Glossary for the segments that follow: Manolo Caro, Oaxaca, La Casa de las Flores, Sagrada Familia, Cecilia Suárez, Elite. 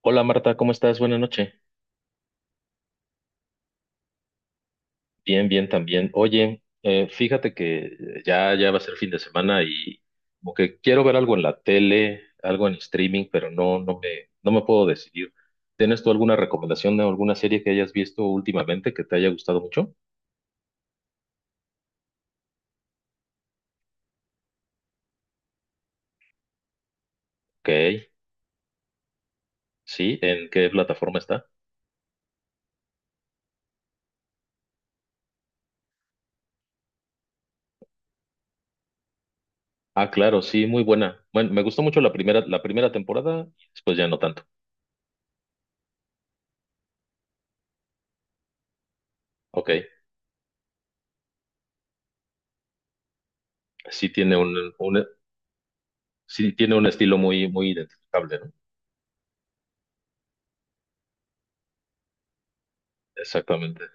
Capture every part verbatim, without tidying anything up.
Hola Marta, ¿cómo estás? Buenas noches. Bien, bien también. Oye, eh, fíjate que eh, ya, ya va a ser fin de semana y como que quiero ver algo en la tele, algo en streaming, pero no, no me, no me puedo decidir. ¿Tienes tú alguna recomendación de alguna serie que hayas visto últimamente que te haya gustado mucho? Ok, sí, ¿en qué plataforma está? Ah, claro, sí, muy buena. Bueno, me gustó mucho la primera, la primera temporada y después ya no tanto. Ok, sí tiene un, un- sí tiene un estilo muy, muy identificable, ¿no? Exactamente.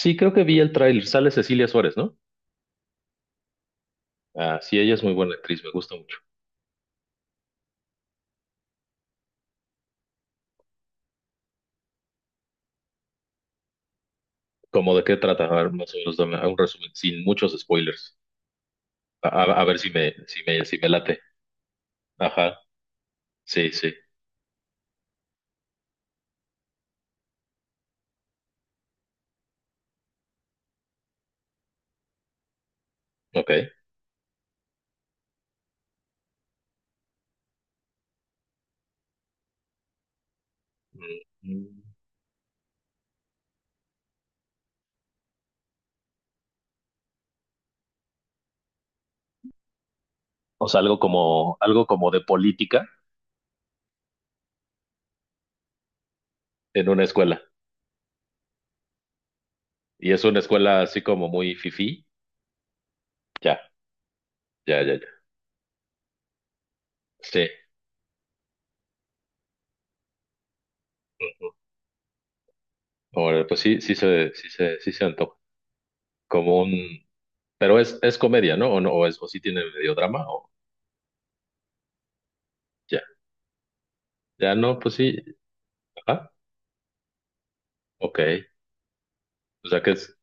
Sí, creo que vi el tráiler. Sale Cecilia Suárez, ¿no? Ah, sí, ella es muy buena actriz, me gusta mucho. ¿Cómo de qué trata? A ver, más o menos dame un resumen, sin muchos spoilers. A, a- a ver si me, si me, si me late. Ajá, sí, sí, ok. Mm, o sea, algo como, algo como de política en una escuela. Y es una escuela así como muy fifí. Ya, ya, ya, ya. Sí. Mm, ahora, pues sí, sí se, sí se, sí se antoja. Como un, pero es, es comedia, ¿no? O no, o es, o sí tiene medio drama, o ya. Ya no, pues sí. Ajá. Ok. O sea, ¿qué es,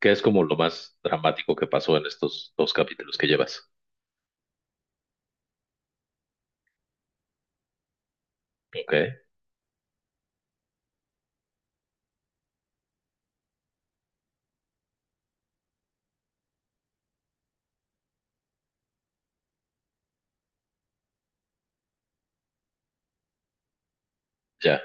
qué es como lo más dramático que pasó en estos dos capítulos que llevas? Ok, ya.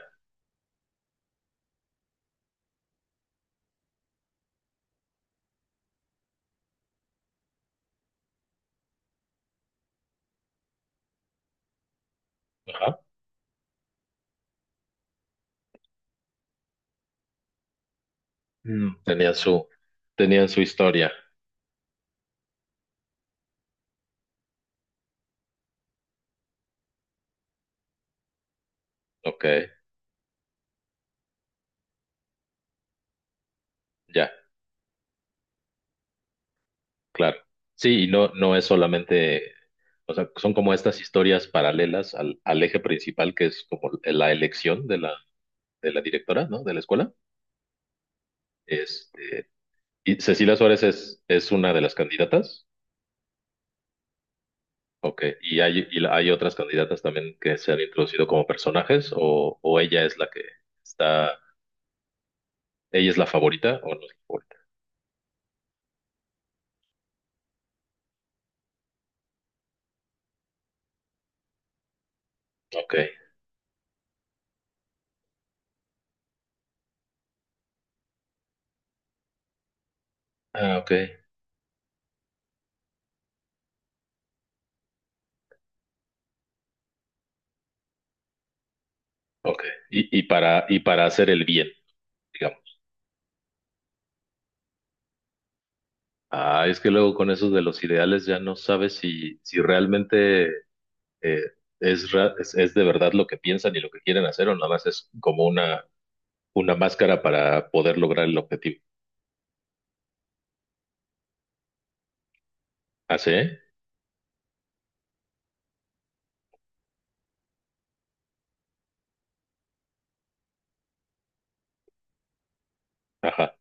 Ajá. Mm, Tenían su, tenían su historia. Ok, ya, claro. Sí, y no, no es solamente, o sea, son como estas historias paralelas al, al eje principal que es como la elección de la, de la directora, ¿no? De la escuela. Este, y Cecilia Suárez es, es una de las candidatas. Ok, ¿y hay, y la- hay otras candidatas también que se han introducido como personajes o, o ella es la que está, ¿ella es la favorita o no es la favorita? Ok, ah, ok, ok. Y, y para, y para hacer el bien, digamos. Ah, es que luego con esos de los ideales ya no sabes si, si realmente eh, es, ra- es, es de verdad lo que piensan y lo que quieren hacer o nada más es como una, una máscara para poder lograr el objetivo. ¿Ah, sí? Ajá,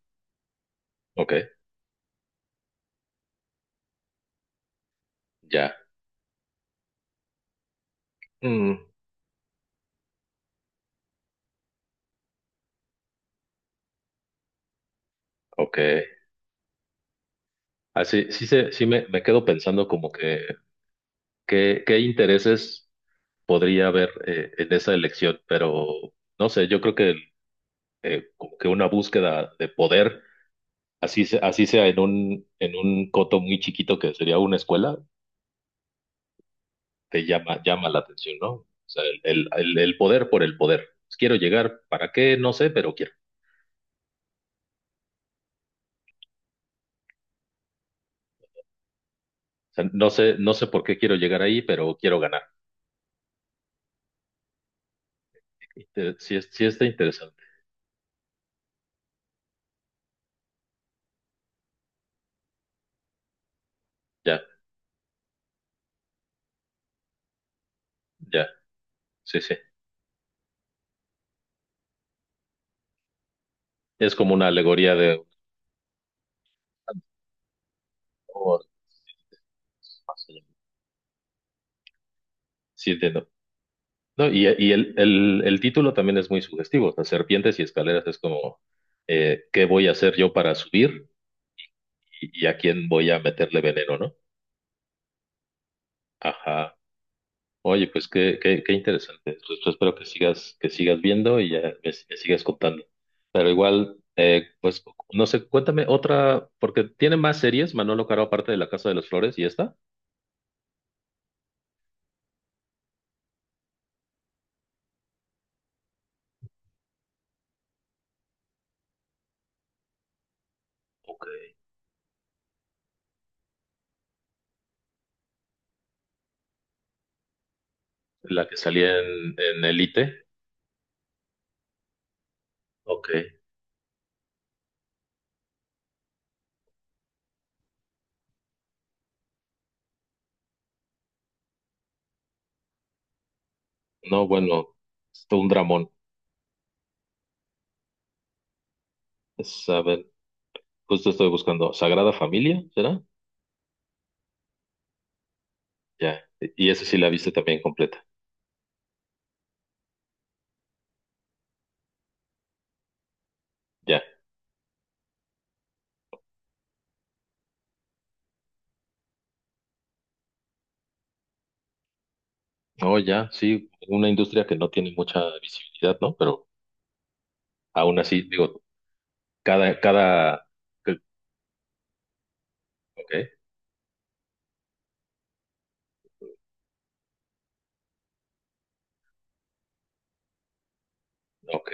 ok, ya. Mm, ok. Así, sí, sí se, sí me, me quedo pensando como que qué, qué intereses podría haber eh, en esa elección, pero no sé, yo creo que eh, como que una búsqueda de poder, así, se- así sea en un, en un coto muy chiquito que sería una escuela, te llama, llama la atención, ¿no? O sea, el, el, el- el poder por el poder. Pues, quiero llegar, ¿para qué? No sé, pero quiero. O sea, no sé, no sé por qué quiero llegar ahí, pero quiero ganar. Si sí, es- sí está interesante. Ya, ya, sí, sí. Es como una alegoría de... o fácil. Sí, entiendo. No, y, y el, el, el título también es muy sugestivo. O sea, Serpientes y Escaleras es como, eh, ¿qué voy a hacer yo para subir y, y a quién voy a meterle veneno, ¿no? Ajá. Oye, pues qué, qué, qué interesante. Pues, pues, espero que sigas, que sigas viendo y ya me, me sigas contando. Pero igual, eh, pues no sé, cuéntame otra, porque tiene más series, Manolo Caro, aparte de La Casa de las Flores y esta. Ok. La que salía en, en Elite. Ok. No, bueno, es todo un dramón. Es, a ver, justo estoy buscando Sagrada Familia, ¿será? Ya. Y esa sí la viste también completa. Ya. No, ya, sí, una industria que no tiene mucha visibilidad, ¿no? Pero aún así, digo, cada, cada, que- ok, ok,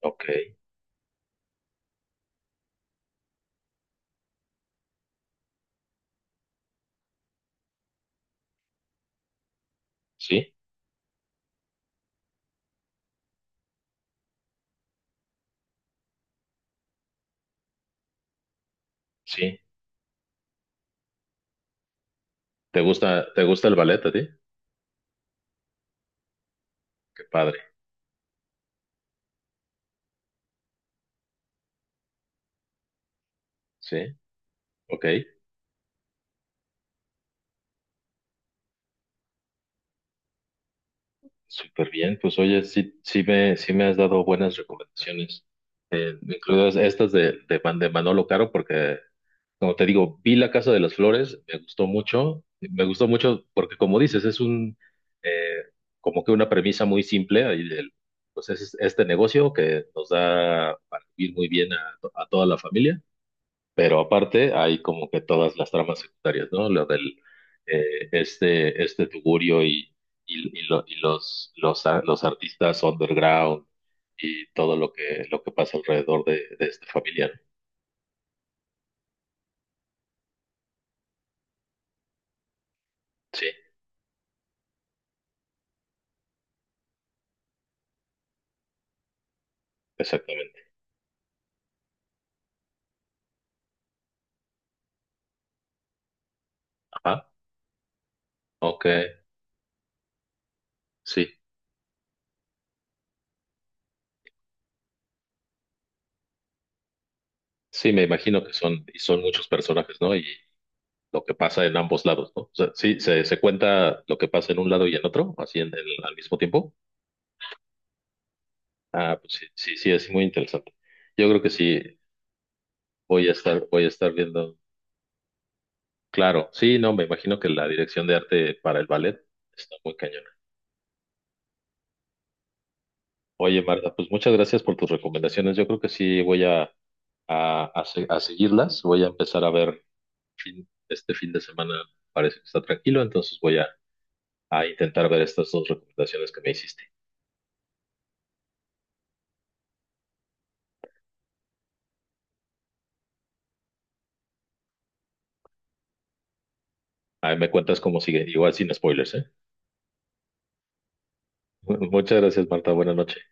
ok, sí, sí. ¿Te gusta, te gusta el ballet a ti? Qué padre, sí, ok, súper bien. Pues oye, sí, sí me, sí me has dado buenas recomendaciones, incluidas estas de, de Man- de Manolo Caro, porque como te digo, vi La Casa de las Flores, me gustó mucho, me gustó mucho porque como dices, es un, eh, como que una premisa muy simple, ahí del- pues es este negocio que nos da para vivir muy bien a, to- a toda la familia, pero aparte hay como que todas las tramas secundarias, ¿no? Lo del, eh, este, este tugurio y, y, y lo- y los, los, a- los artistas underground y todo lo que, lo que pasa alrededor de, de este familiar. Sí, exactamente. Ajá, ok. Sí, sí, me imagino que son, y son muchos personajes, ¿no? Y lo que pasa en ambos lados, ¿no? O sea, sí, se, se cuenta lo que pasa en un lado y en otro, así en el- al mismo tiempo. Ah, pues sí, sí, sí, es muy interesante. Yo creo que sí, voy a estar, voy a estar viendo. Claro, sí, no, me imagino que la dirección de arte para el ballet está muy cañona. Oye, Marta, pues muchas gracias por tus recomendaciones. Yo creo que sí voy a, a, a se- a seguirlas. Voy a empezar a ver fin- este fin de semana, parece que está tranquilo, entonces voy a a intentar ver estas dos recomendaciones que me hiciste. Ahí me cuentas cómo sigue, igual sin spoilers, ¿eh? Muchas gracias, Marta. Buenas noches.